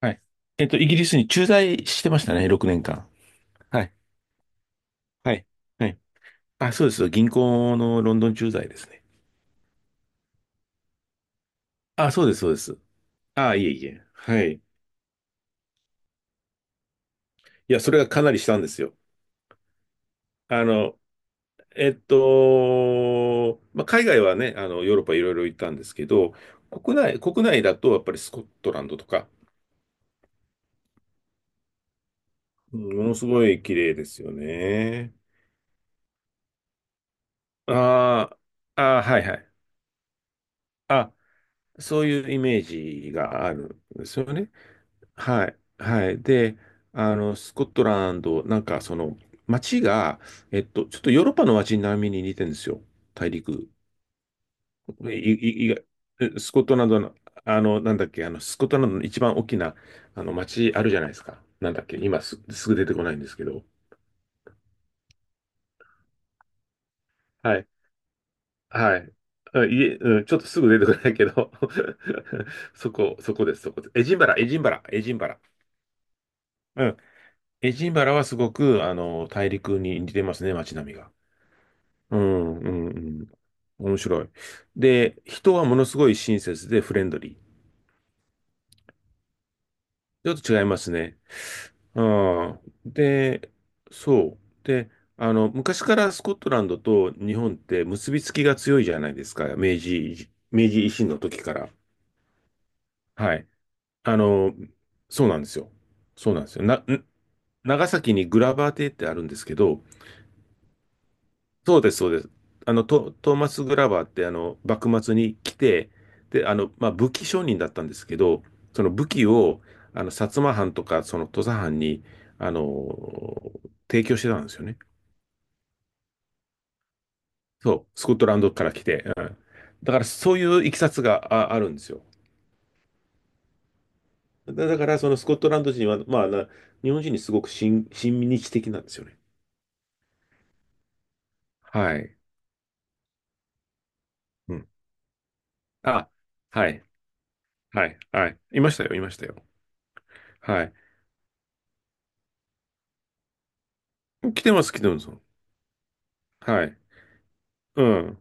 はい。イギリスに駐在してましたね、6年間。はい。はい。はい。あ、そうです。銀行のロンドン駐在ですね。あ、そうです、そうです。あ、いえいえ。はい。いや、それがかなりしたんですよ。あの、まあ、海外はね、ヨーロッパいろいろ行ったんですけど、国内だとやっぱりスコットランドとか、うんものすごい綺麗ですよね。あーあ、ー、はいはい。あ、そういうイメージがあるんですよね。はい、はい。で、スコットランド、なんか街が、ちょっとヨーロッパの街並みに似てるんですよ。大陸。いえスコットランドの、なんだっけ、スコットランドの一番大きな、あの、街あるじゃないですか。なんだっけ、すぐ出てこないんですけど。はい、はい。あいえ、うん、ちょっとすぐ出てこないけど そこです、そこです。エジンバラ、エジンバラ、エジンバラ。うん。エジンバラはすごく、大陸に似てますね、街並みが。うん、うん、うん。面白い。で、人はものすごい親切でフレンドリー。ちょっと違いますね。ああで、そう。で、昔からスコットランドと日本って結びつきが強いじゃないですか。明治維新の時から。はい。あの、そうなんですよ。そうなんですよ。長崎にグラバー邸ってあるんですけど、そうです、そうです。トーマス・グラバーって、幕末に来て、で、まあ、武器商人だったんですけど、その武器を、薩摩藩とか、その土佐藩に、あの、提供してたんですよね。そう、スコットランドから来て。うん、だから、そういういきさつがあるんですよ。だから、そのスコットランド人は、まあ、日本人にすごく親日的なんですよね。はい。うん。あ、はい。はい。はい。いましたよ、いましたよ。はい。来てます、来てます。はい。うん。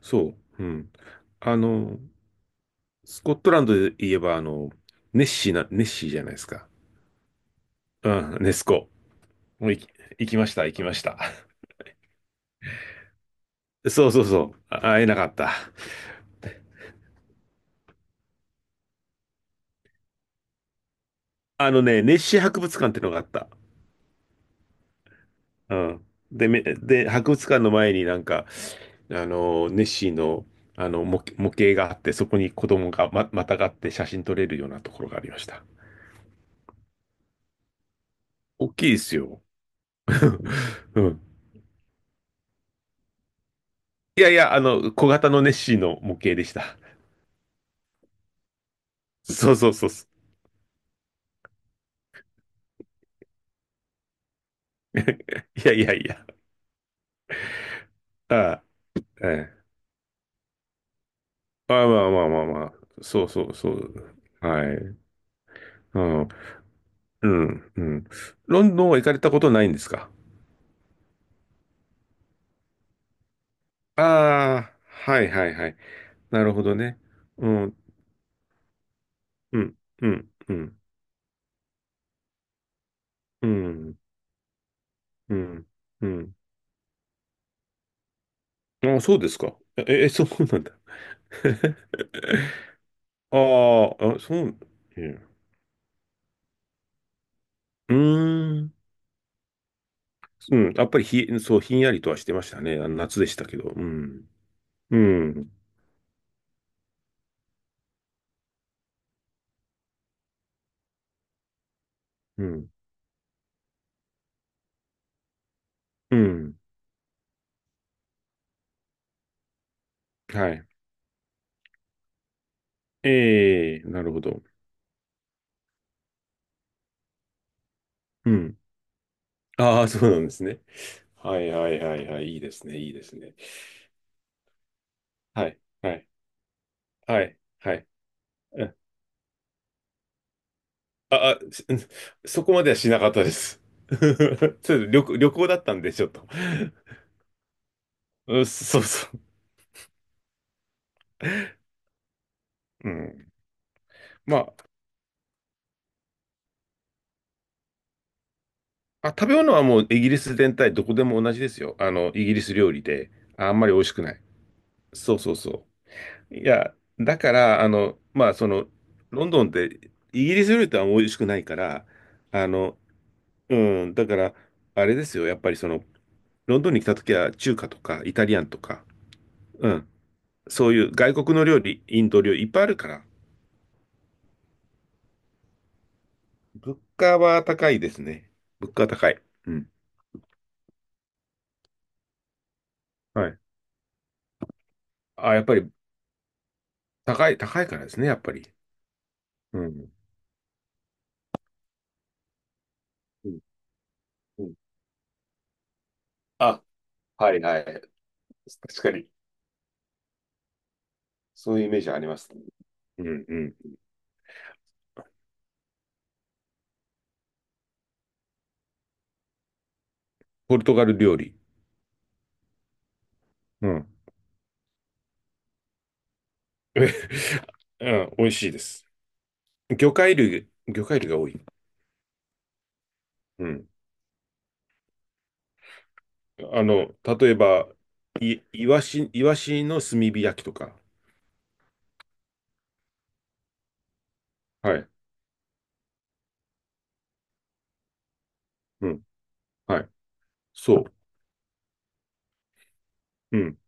そう。うん。あの、スコットランドで言えば、ネッシーじゃないですか。うん、ネスコ。もう行きました、行きました。そうそうそう。あ会えなかった。あのね、ネッシー博物館ってのがあった。うん。で、博物館の前になんか、あの、ネッシーの、模型があって、そこに子供がまたがって写真撮れるようなところがありました。大きいですよ。うん。いやいや、小型のネッシーの模型でした。そうそうそうそう。いやいやいや。ああ、ええ。まあまあまあまあまあ。そうそうそう。はい。うん。うん。うん。ロンドンは行かれたことないんですか？ああ、はいはいはい。なるほどね。うん。うん。うん。うん。うん。うん。うん。ああ、そうですか。え、そうなんだ。ああ、あ、そう。うん。うーん。うん。やっぱりそう、ひんやりとはしてましたね。あの夏でしたけど。うん。うん。うん。うん。はい。ええ、なるほど。うん。ああ、そうなんですね。はいはいはいはい。いいですね。いいですね。はい。はい。はい。はい。うんあ、あ、しそこまではしなかったです。ちょっと旅行だったんで、ちょっと。うんそうそう。うん。まあ、あ、食べ物はもうイギリス全体どこでも同じですよ。イギリス料理で。あんまり美味しくない。そうそうそう。いや、だから、まあ、ロンドンってイギリス料理とは美味しくないから、あの、うん、だから、あれですよ、やっぱりロンドンに来た時は中華とかイタリアンとか、うん、そういう外国の料理、インド料理いっぱいあるから、物価は高いですね。物価は高い。うん。はい。あ、やっぱり高いからですね、やっぱり。うん。うんうんあ、はいはい。確かに。そういうイメージあります。うんうん。ポルトガル料理。うん。うん、美味しいです。魚介類が多い。うん。例えば、い、イワシ、イワシの炭火焼きとか。はい。うん。はい。そう。うん。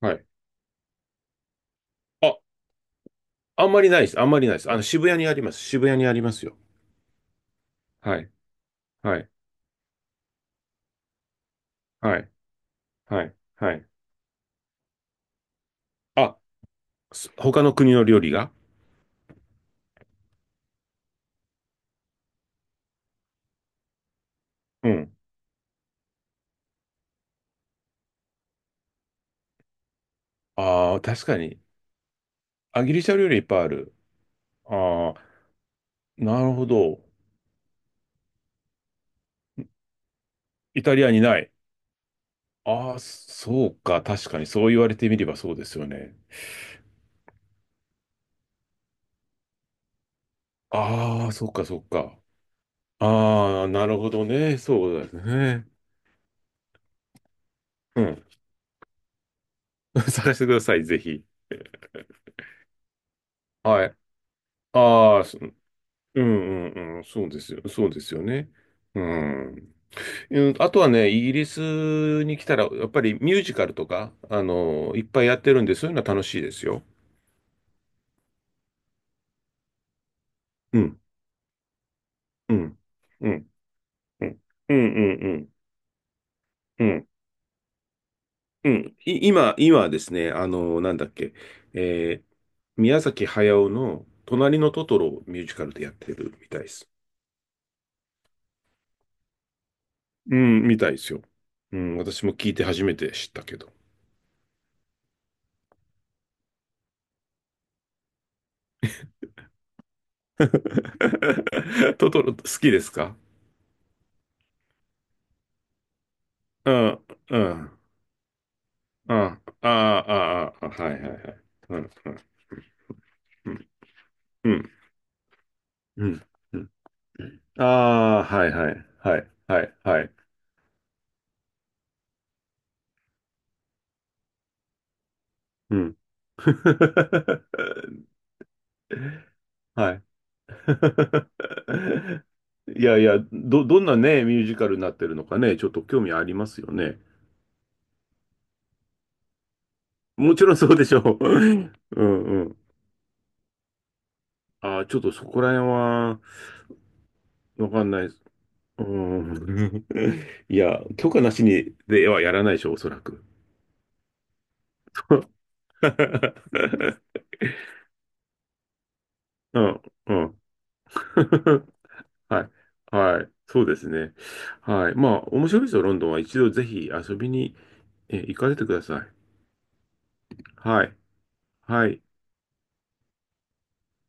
はい。あ、あんまりないです。あんまりないです。渋谷にあります。渋谷にありますよ。はい。はい。はい。はい。はい。あ、他の国の料理がうん。ああ、確かに。あ、ギリシャ料理いっぱいある。ああ、なるほど。イタリアにない。ああ、そうか。確かに、そう言われてみればそうですよね。ああ、そっか、そっか。ああ、なるほどね。そうですね。うん。探してください、ぜひ。はい。ああ、そうんうんうん。そうですよ。そうですよね。うん。うんあとはね、イギリスに来たら、やっぱりミュージカルとか、いっぱいやってるんで、そういうのは楽しいですよ。うん、うん、うん、うん、うん、うん、うん。うんうん。今ですね、なんだっけ、えー、宮崎駿の隣のトトロをミュージカルでやってるみたいです。うん、みたいですよ。うん、私も聞いて初めて知ったけど。トトロ好きですか？うん、うん、うん、ああ、ああ、あはいはいはい。うん、うん、うん、うん、うん。ああ、はいはい、はい、はい、はい。うん。はい。いやいや、どんなね、ミュージカルになってるのかね、ちょっと興味ありますよね。もちろんそうでしょう。うんうん。ああ、ちょっとそこら辺は、わかんないです。うん。いや、許可なしにではやらないでしょう、おそらく。うん、うん。はい。はい。そうですね。はい。まあ、面白いですよ、ロンドンは。一度ぜひ遊びに、行かれてください。はい。はい。